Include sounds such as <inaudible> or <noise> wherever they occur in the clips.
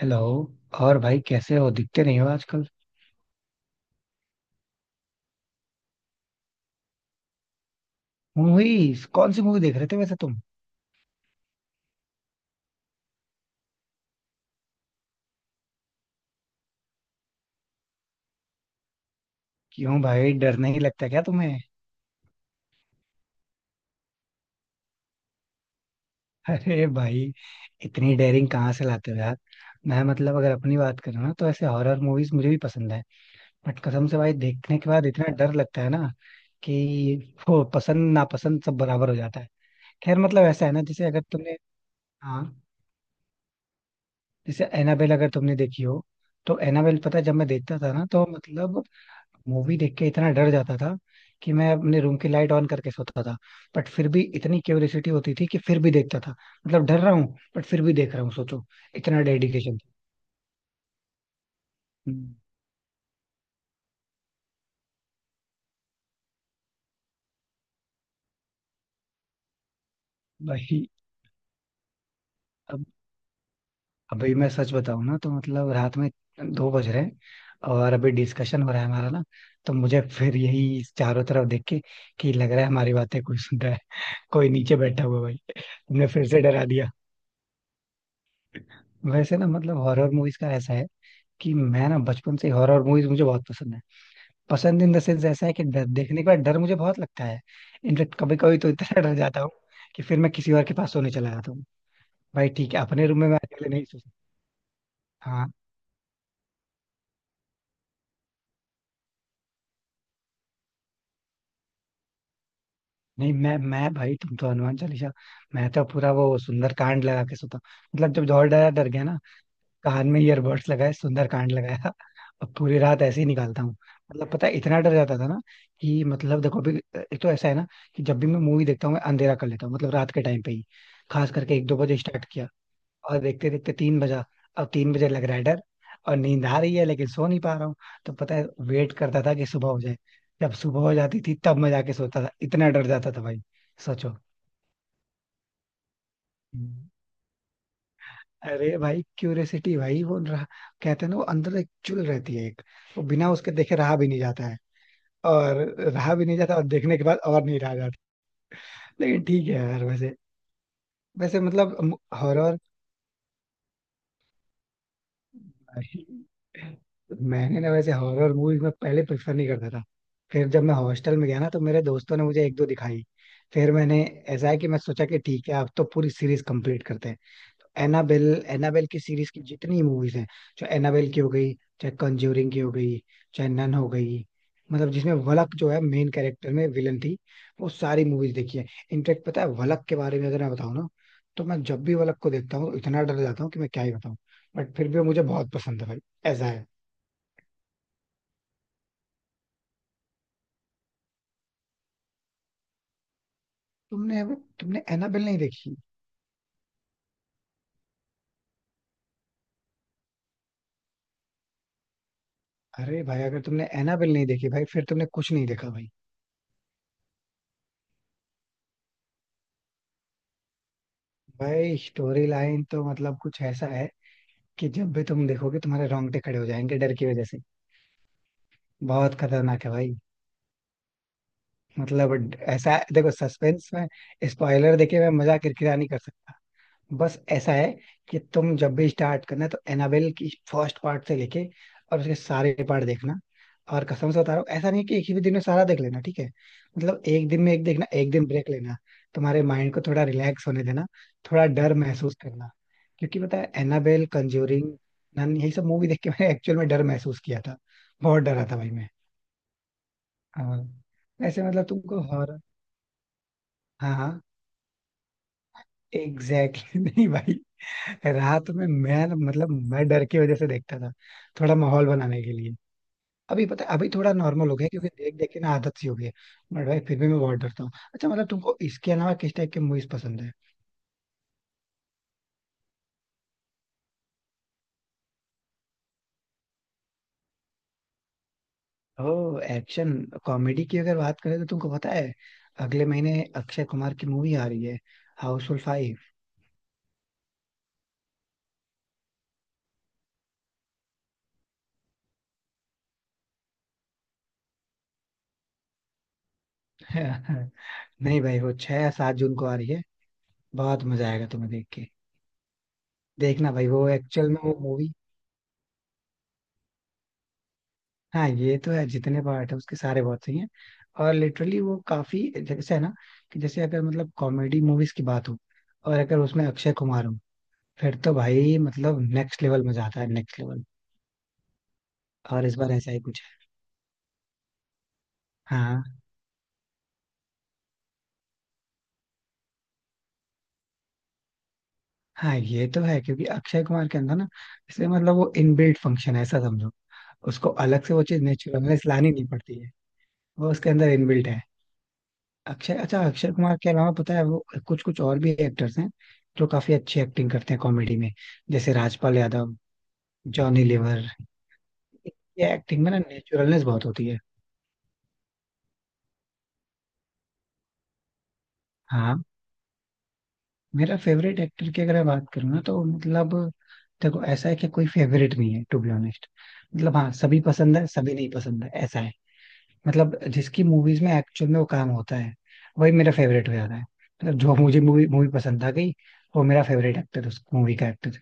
Hello. और भाई कैसे हो? दिखते नहीं हो आजकल। मूवीज कौन सी मूवी देख रहे थे वैसे तुम? क्यों भाई, डर नहीं लगता क्या तुम्हें? <laughs> अरे भाई, इतनी डेयरिंग कहाँ से लाते हो यार? मैं, मतलब, अगर अपनी बात करूँ ना, तो ऐसे हॉरर मूवीज मुझे भी पसंद है। बट कसम से भाई, देखने के बाद इतना डर लगता है ना, कि वो पसंद नापसंद सब बराबर हो जाता है। खैर, मतलब ऐसा है ना, जैसे अगर तुमने, हाँ, जैसे एनाबेल अगर तुमने देखी हो, तो एनाबेल पता है जब मैं देखता था ना, तो मतलब मूवी देख के इतना डर जाता था कि मैं अपने रूम की लाइट ऑन करके सोता था। बट फिर भी इतनी क्यूरियोसिटी होती थी कि फिर भी देखता था। मतलब डर रहा हूँ, बट फिर भी देख रहा हूँ, सोचो। इतना डेडिकेशन भाई। अब अभी मैं सच बताऊं ना, तो मतलब रात में 2 बज रहे हैं, और अभी डिस्कशन हो रहा है हमारा ना, तो मुझे फिर यही, चारों तरफ देख के, कि लग रहा है हमारी बातें कोई सुन रहा है, कोई नीचे बैठा हुआ है भाई। तुमने फिर से डरा दिया। वैसे ना, मतलब हॉरर मूवीज का ऐसा है कि मैं ना बचपन से, हॉरर मूवीज मुझे बहुत पसंद है। पसंद इन द सेंस ऐसा है कि डर, देखने के बाद डर मुझे बहुत लगता है। इनफेक्ट कभी कभी तो इतना डर जाता हूँ कि फिर मैं किसी और के पास सोने चला जाता हूँ। भाई ठीक है, अपने रूम में मैं अकेले नहीं सो सकता। हाँ, नहीं मैं भाई, तुम तो हनुमान चालीसा, मैं तो पूरा वो सुंदर कांड लगा के सोता हूँ। मतलब जब और डरा, डर गया ना, कान में ईयरबड्स लगाए, सुंदर कांड लगाया, और पूरी रात ऐसे ही निकालता हूँ। मतलब पता है इतना डर जाता था ना, कि मतलब देखो अभी, एक तो ऐसा है ना कि जब भी मैं मूवी देखता हूँ मैं अंधेरा कर लेता हूँ, मतलब रात के टाइम पे ही, खास करके एक दो बजे स्टार्ट किया, और देखते देखते 3 बजा। अब 3 बजे लग रहा है डर, और नींद आ रही है लेकिन सो नहीं पा रहा हूँ, तो पता है वेट करता था कि सुबह हो जाए। जब सुबह हो जाती थी तब मैं जाके सोता था, इतना डर जाता था भाई, सोचो। हम्म। अरे भाई, क्यूरियसिटी भाई, वो रहा, कहते हैं ना, वो अंदर एक चुल रहती है, एक, वो बिना उसके देखे रहा भी नहीं जाता है, और रहा भी नहीं जाता और देखने के बाद और नहीं रहा जाता। लेकिन ठीक है यार। वैसे, वैसे मतलब हॉरर, भाई, मैंने ना वैसे हॉरर मूवीज में पहले प्रेफर नहीं करता था। फिर जब मैं हॉस्टल में गया ना तो मेरे दोस्तों ने मुझे एक दो दिखाई, फिर मैंने, ऐसा है कि मैं सोचा कि ठीक है अब तो पूरी सीरीज कंप्लीट करते हैं। एनाबेल, एनाबेल की सीरीज की जितनी मूवीज हैं, चाहे एनाबेल की हो गई, चाहे कंज्यूरिंग की हो गई, चाहे नन हो गई, मतलब जिसमें वलक जो है मेन कैरेक्टर में विलन थी, वो सारी मूवीज देखी है। इनफेक्ट पता है वलक के बारे में अगर मैं बताऊं ना, तो मैं जब भी वलक को देखता हूँ तो इतना डर जाता हूँ कि मैं क्या ही बताऊं। बट फिर भी वो मुझे बहुत पसंद है भाई, ऐसा है। तुमने तुमने एनाबेल नहीं देखी? अरे भाई अगर तुमने एनाबेल नहीं देखी भाई, फिर तुमने कुछ नहीं देखा भाई। भाई स्टोरी लाइन तो मतलब कुछ ऐसा है कि जब भी तुम देखोगे तुम्हारे रोंगटे खड़े हो जाएंगे डर की वजह से। बहुत खतरनाक है भाई। मतलब ऐसा देखो, सस्पेंस में स्पॉइलर देके मैं मजाक किरकिरा नहीं कर सकता। बस ऐसा है कि तुम जब भी स्टार्ट करना है तो एनाबेल की फर्स्ट पार्ट से लेके और उसके सारे पार्ट देखना। और कसम से बता रहा हूँ, ऐसा नहीं है कि एक ही दिन में सारा देख लेना, ठीक है? मतलब एक दिन में एक देखना, एक दिन ब्रेक लेना, तुम्हारे माइंड को थोड़ा रिलैक्स होने देना, थोड़ा डर महसूस करना। क्योंकि पता है एनाबेल, कंज्यूरिंग, नन, यही सब मूवी देख के मैंने एक्चुअल में डर महसूस किया था। बहुत डरा था भाई मैं। हाँ। वैसे मतलब तुमको हॉरर, हाँ हाँ, एग्जैक्टली। <laughs> नहीं भाई, रात में मैं तो, मतलब मैं डर की वजह से देखता था, थोड़ा माहौल बनाने के लिए। अभी पता है, अभी थोड़ा नॉर्मल हो गया क्योंकि देख देख के ना आदत सी हो गई है। बट भाई फिर भी मैं बहुत डरता हूँ। अच्छा, मतलब तुमको इसके अलावा किस टाइप की मूवीज पसंद है? ओ, एक्शन कॉमेडी की अगर बात करें तो, तुमको पता है अगले महीने अक्षय कुमार की मूवी आ रही है, हाउसफुल 5। <laughs> नहीं भाई, वो 6 या 7 जून को आ रही है। बहुत मजा आएगा तुम्हें देख के। देखना भाई, वो एक्चुअल में वो मूवी, हाँ ये तो है, जितने पार्ट है उसके सारे बहुत सही हैं। और लिटरली वो काफी, जैसे है ना, कि जैसे अगर, मतलब कॉमेडी मूवीज की बात हो और अगर उसमें अक्षय कुमार हो, फिर तो भाई मतलब नेक्स्ट लेवल मजा आता है, नेक्स्ट लेवल। और इस बार ऐसा ही कुछ है। हाँ, हाँ ये तो है क्योंकि अक्षय कुमार के अंदर ना, इसलिए, मतलब वो इनबिल्ट फंक्शन है, ऐसा समझो। उसको अलग से वो चीज नेचुरल लानी नहीं पड़ती है, वो उसके अंदर इनबिल्ट है। अक्षय अच्छा, अक्षय कुमार के अलावा पता है वो कुछ कुछ और भी एक्टर्स हैं जो काफी अच्छी एक्टिंग करते हैं कॉमेडी में। जैसे राजपाल यादव, जॉनी लीवर। ये एक्टिंग में ना नेचुरलनेस बहुत होती है। हाँ। मेरा फेवरेट एक्टर की अगर मैं बात करूँ ना, तो मतलब देखो ऐसा है कि कोई फेवरेट नहीं है टू बी ऑनेस्ट। मतलब हाँ, सभी पसंद है, सभी नहीं पसंद है, ऐसा है। मतलब जिसकी मूवीज में एक्चुअल में वो काम होता है वही मेरा फेवरेट हो जाता है, मतलब जो मुझे मूवी, मूवी पसंद आ गई, वो मेरा फेवरेट एक्टर, उस मूवी का एक्टर,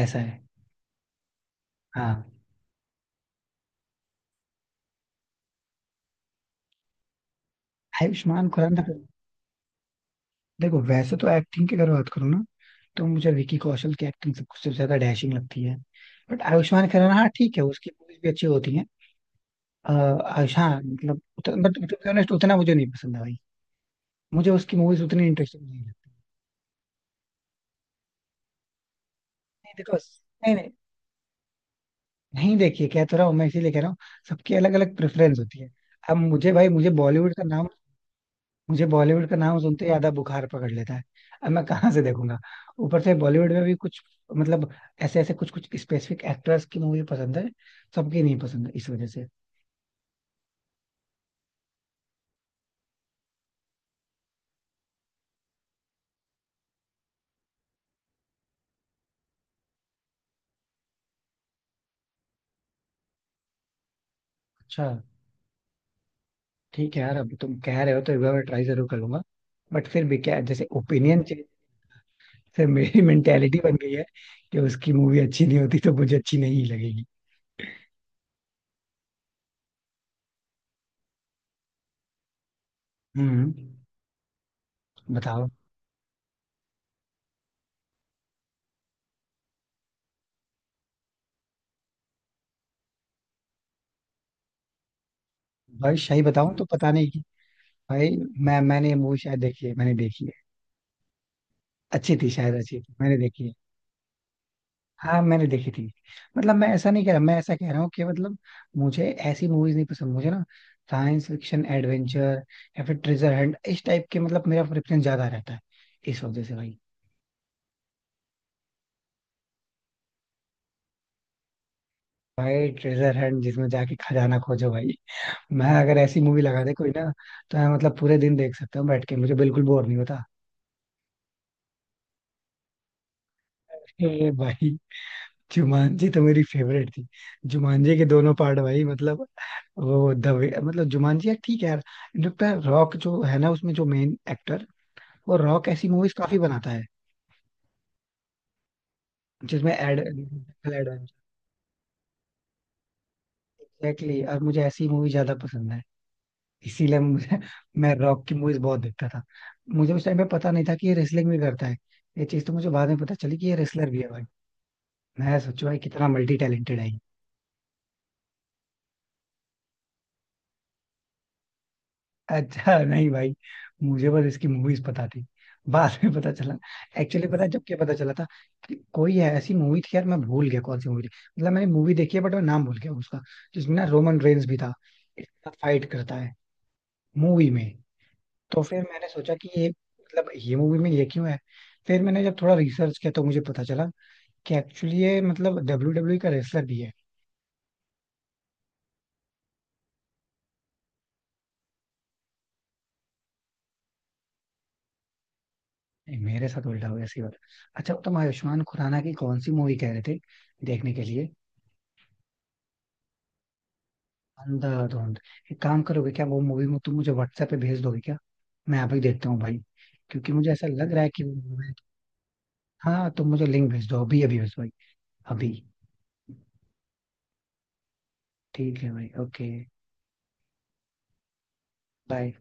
ऐसा है। हाँ, आयुष्मान खुराना। देखो वैसे तो एक्टिंग की अगर बात करूँ ना, तो मुझे विकी कौशल की एक्टिंग सब सबसे ज्यादा डैशिंग लगती है। बट आयुष्मान खुराना, हाँ ठीक है, उसकी मूवीज भी अच्छी होती हैं। अ, आयुष हाँ, मतलब, बट टू बी ऑनेस्ट उतना मुझे नहीं पसंद है भाई। मुझे उसकी मूवीज उतनी इंटरेस्टिंग नहीं लगती। नहीं, देखो, नहीं नहीं, नहीं देखिए, कह तो रहा हूँ मैं, इसीलिए कह रहा हूँ, सबकी अलग अलग प्रेफरेंस होती है। अब मुझे भाई, मुझे बॉलीवुड का नाम सुनते ही आधा बुखार पकड़ लेता है, अब मैं कहाँ से देखूंगा? ऊपर से बॉलीवुड में भी कुछ, मतलब ऐसे ऐसे कुछ कुछ स्पेसिफिक एक्टर्स की मूवी पसंद है, सबकी नहीं पसंद है इस वजह से। अच्छा, ठीक है यार, अब तुम कह रहे हो तो एक बार मैं ट्राई जरूर करूंगा। बट फिर भी क्या है, जैसे ओपिनियन चेंज से मेरी मेंटेलिटी बन गई है कि उसकी मूवी अच्छी नहीं होती तो मुझे अच्छी नहीं लगेगी। हम्म बताओ। भाई सही बताऊं तो पता नहीं कि, भाई, मैंने ये मूवी शायद देखी है, मैंने देखी है। अच्छी थी, शायद अच्छी थी, मैंने देखी है। हाँ, मैंने देखी थी। मतलब मैं ऐसा नहीं कह रहा, मैं ऐसा कह रहा हूँ कि मतलब मुझे ऐसी मूवीज नहीं पसंद। मुझे ना साइंस फिक्शन, एडवेंचर, या फिर ट्रेजर हंट, इस टाइप के मतलब मेरा प्रेफरेंस ज्यादा रहता है, इस वजह से भाई। भाई ट्रेजर हंट, जिसमें जाके खजाना खोजो भाई, मैं अगर ऐसी मूवी लगा दे कोई ना, तो मैं मतलब पूरे दिन देख सकता हूँ बैठ के, मुझे बिल्कुल बोर नहीं होता। अरे भाई, जुमानजी तो मेरी फेवरेट थी, जुमानजी के दोनों पार्ट भाई, मतलब, वो दवे, मतलब जुमानजी यार, ठीक है यार। इनफैक्ट यार रॉक जो है ना, उसमें जो मेन एक्टर, वो रॉक ऐसी मूवीज काफी बनाता है, जिसमें एड, एग्जैक्टली, और मुझे ऐसी मूवी ज्यादा पसंद है, इसीलिए मुझे, मैं रॉक की मूवीज बहुत देखता था। मुझे उस टाइम पे पता नहीं था कि ये रेसलिंग भी करता है, ये चीज तो मुझे बाद में पता चली कि ये रेसलर भी है भाई। मैं सोचू भाई, कितना मल्टी टैलेंटेड है। अच्छा नहीं भाई, मुझे बस इसकी मूवीज पता थी, बाद में पता चला। एक्चुअली पता है जब क्या पता चला था, कि कोई है ऐसी मूवी थी यार, मैं भूल गया कौन सी मूवी थी, मतलब मैंने मूवी देखी है बट मैं नाम भूल गया उसका, जिसमें ना रोमन रेंस भी था, इसके साथ फाइट करता है मूवी में। तो फिर मैंने सोचा कि ये, मतलब ये मूवी में ये क्यों है, फिर मैंने जब थोड़ा रिसर्च किया तो मुझे पता चला कि एक्चुअली ये, मतलब WW का रेसलर भी है। नहीं, मेरे साथ उल्टा हो गया, सी बात। अच्छा तुम आयुष्मान खुराना की कौन सी मूवी कह रहे थे देखने के लिए? अंधाधुंध। एक काम करोगे क्या, वो मूवी में तुम मुझे व्हाट्सएप पे भेज दोगे क्या? मैं अभी देखता हूँ भाई, क्योंकि मुझे ऐसा लग रहा है कि वो movie-, हाँ तुम मुझे लिंक भेज दो, अभी, अभी भेज दो भाई, अभी। ठीक है भाई, ओके। बाय।